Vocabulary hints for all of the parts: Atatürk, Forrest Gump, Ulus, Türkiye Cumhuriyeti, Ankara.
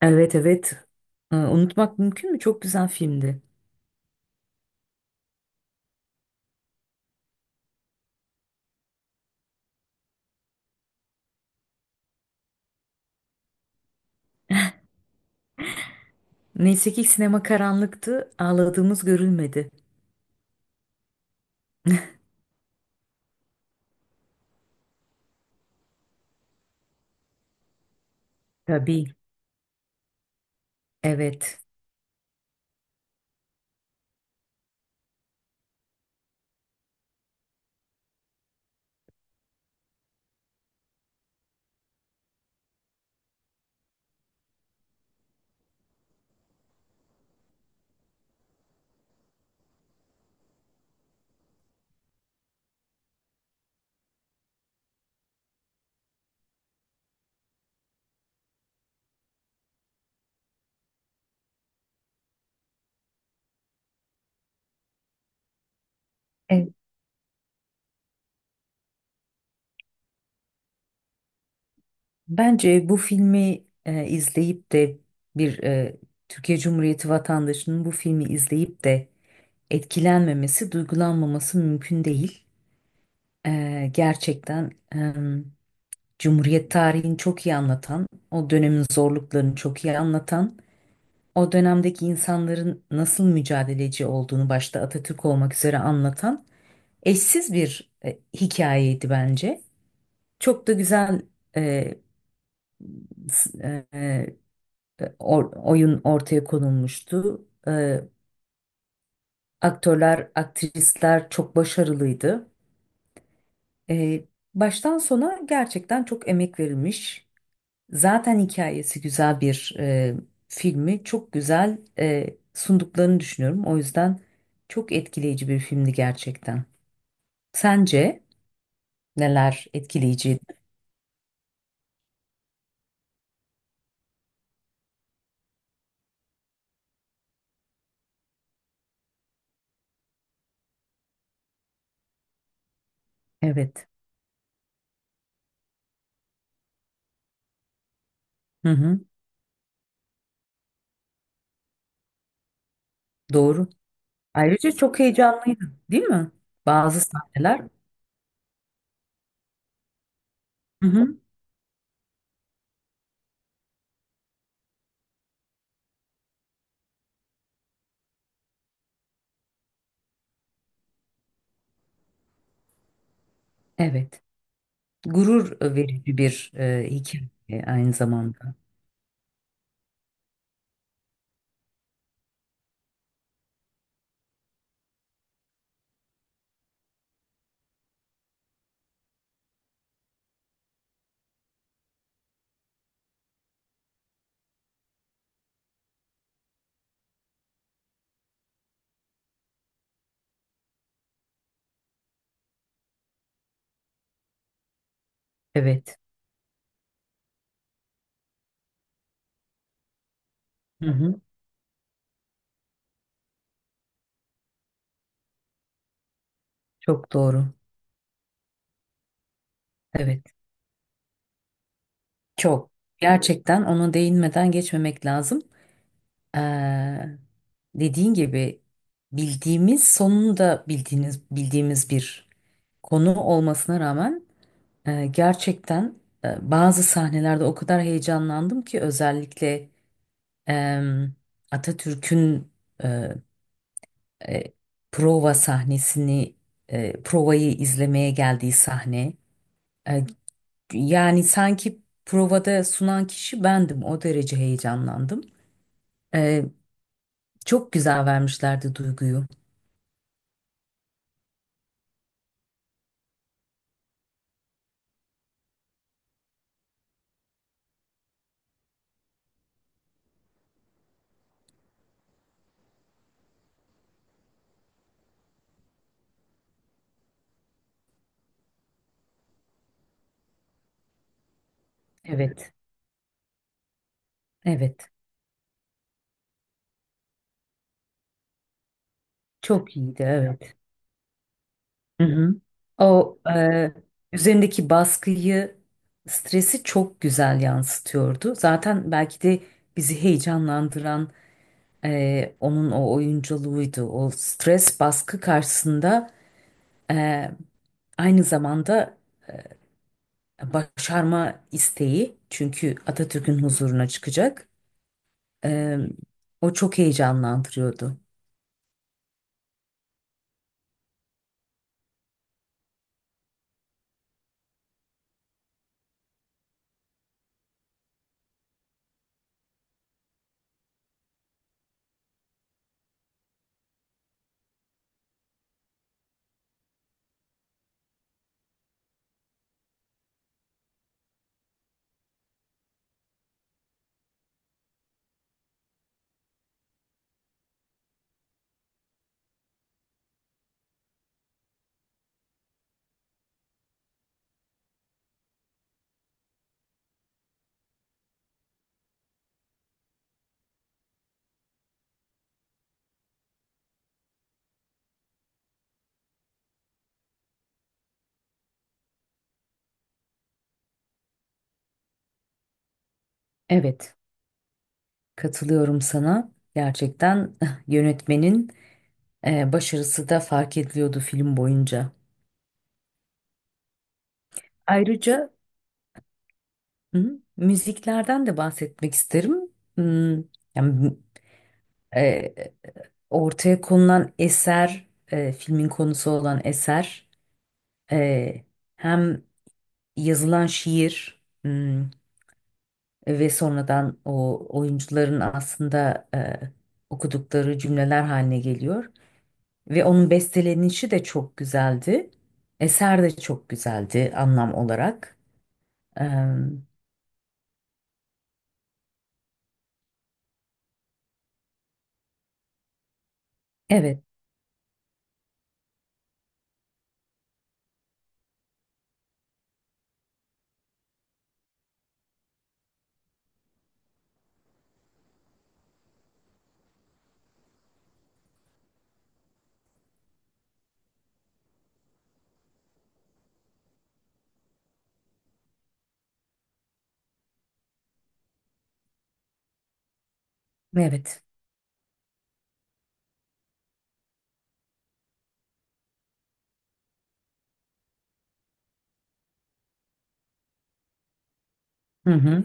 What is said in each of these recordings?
Evet evet. Unutmak mümkün mü? Çok güzel filmdi. Neyse ki sinema karanlıktı. Ağladığımız görülmedi. Tabii. Evet. E, Bence bu filmi izleyip de bir Türkiye Cumhuriyeti vatandaşının bu filmi izleyip de etkilenmemesi, duygulanmaması mümkün değil. Gerçekten Cumhuriyet tarihini çok iyi anlatan, o dönemin zorluklarını çok iyi anlatan o dönemdeki insanların nasıl mücadeleci olduğunu başta Atatürk olmak üzere anlatan eşsiz bir hikayeydi bence. Çok da güzel e, s- e, oyun ortaya konulmuştu. Aktörler, aktrisler çok başarılıydı. E, baştan sona gerçekten çok emek verilmiş. Zaten hikayesi güzel bir filmi çok güzel sunduklarını düşünüyorum. O yüzden çok etkileyici bir filmdi gerçekten. Sence neler etkileyiciydi? Evet. Hı hı, doğru. Ayrıca çok heyecanlıydı, değil mi? Bazı sahneler. Hı hı, evet. Gurur verici bir hikaye aynı zamanda. Evet. Hı hı, çok doğru. Evet. Çok. Gerçekten ona değinmeden geçmemek lazım. Eee, dediğin gibi bildiğimiz sonunda bildiğiniz bildiğimiz bir konu olmasına rağmen gerçekten bazı sahnelerde o kadar heyecanlandım ki özellikle em, Atatürk'ün e, e, prova sahnesini provayı izlemeye geldiği sahne. E, yani sanki provada sunan kişi bendim o derece heyecanlandım. E, çok güzel vermişlerdi duyguyu. Evet. Evet. Çok iyiydi, evet. Hı hı. O üzerindeki baskıyı, stresi çok güzel yansıtıyordu. Zaten belki de bizi heyecanlandıran onun o oyunculuğuydu. O stres baskı karşısında e, aynı zamanda başarma isteği. Çünkü Atatürk'ün huzuruna çıkacak. E, o çok heyecanlandırıyordu. Evet, katılıyorum sana. Gerçekten yönetmenin başarısı da fark ediliyordu film boyunca. Ayrıca hı, müziklerden de bahsetmek isterim. Hmm, yani, e, ortaya konulan eser, filmin konusu olan eser, e, hem yazılan şiir ve sonradan o oyuncuların aslında okudukları cümleler haline geliyor. Ve onun bestelenişi de çok güzeldi. Eser de çok güzeldi anlam olarak. Evet, evet. Hı hı.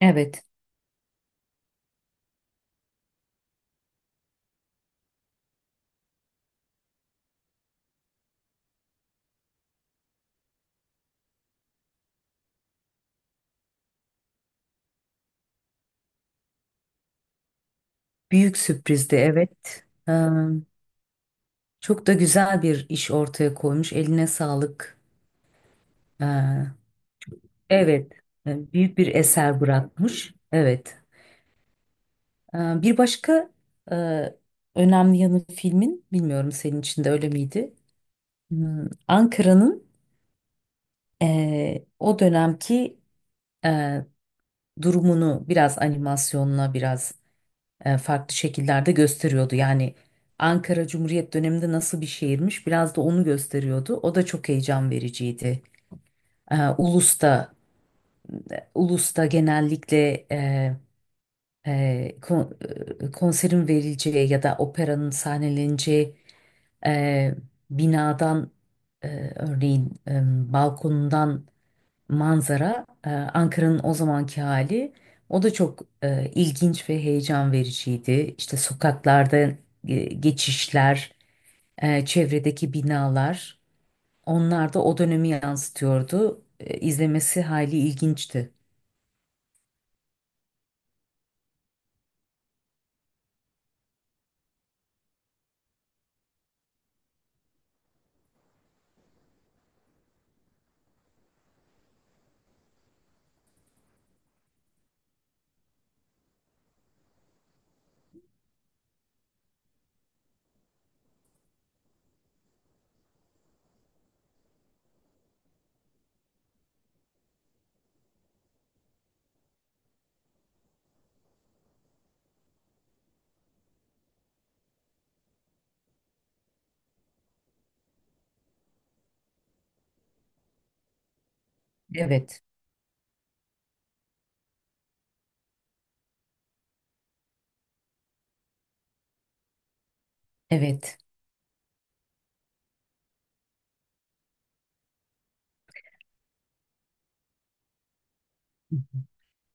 Evet. Büyük sürprizdi, evet. Çok da güzel bir iş ortaya koymuş. Eline sağlık. Ee, evet. Büyük bir eser bırakmış. Evet. Bir başka e, önemli yanı filmin, bilmiyorum senin için de öyle miydi? Ankara'nın o dönemki e, durumunu biraz animasyonla biraz farklı şekillerde gösteriyordu. Yani Ankara Cumhuriyet döneminde nasıl bir şehirmiş biraz da onu gösteriyordu. O da çok heyecan vericiydi. E, Ulus'ta, Ulus'ta genellikle e, kon- konserin verileceği ya da operanın sahneleneceği e, binadan e, örneğin balkonundan manzara, Ankara'nın o zamanki hali. O da çok ilginç ve heyecan vericiydi. İşte sokaklarda geçişler, çevredeki binalar, onlar da o dönemi yansıtıyordu. E, izlemesi hali ilginçti. Evet, evet.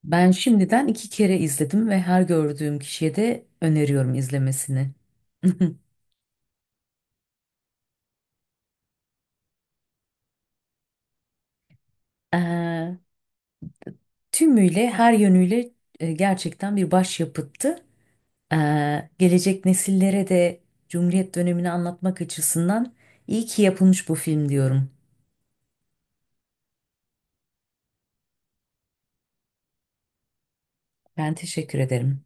Ben şimdiden iki kere izledim ve her gördüğüm kişiye de öneriyorum izlemesini. Eee, tümüyle her yönüyle gerçekten bir başyapıttı. Gelecek nesillere de Cumhuriyet dönemini anlatmak açısından iyi ki yapılmış bu film diyorum. Ben teşekkür ederim.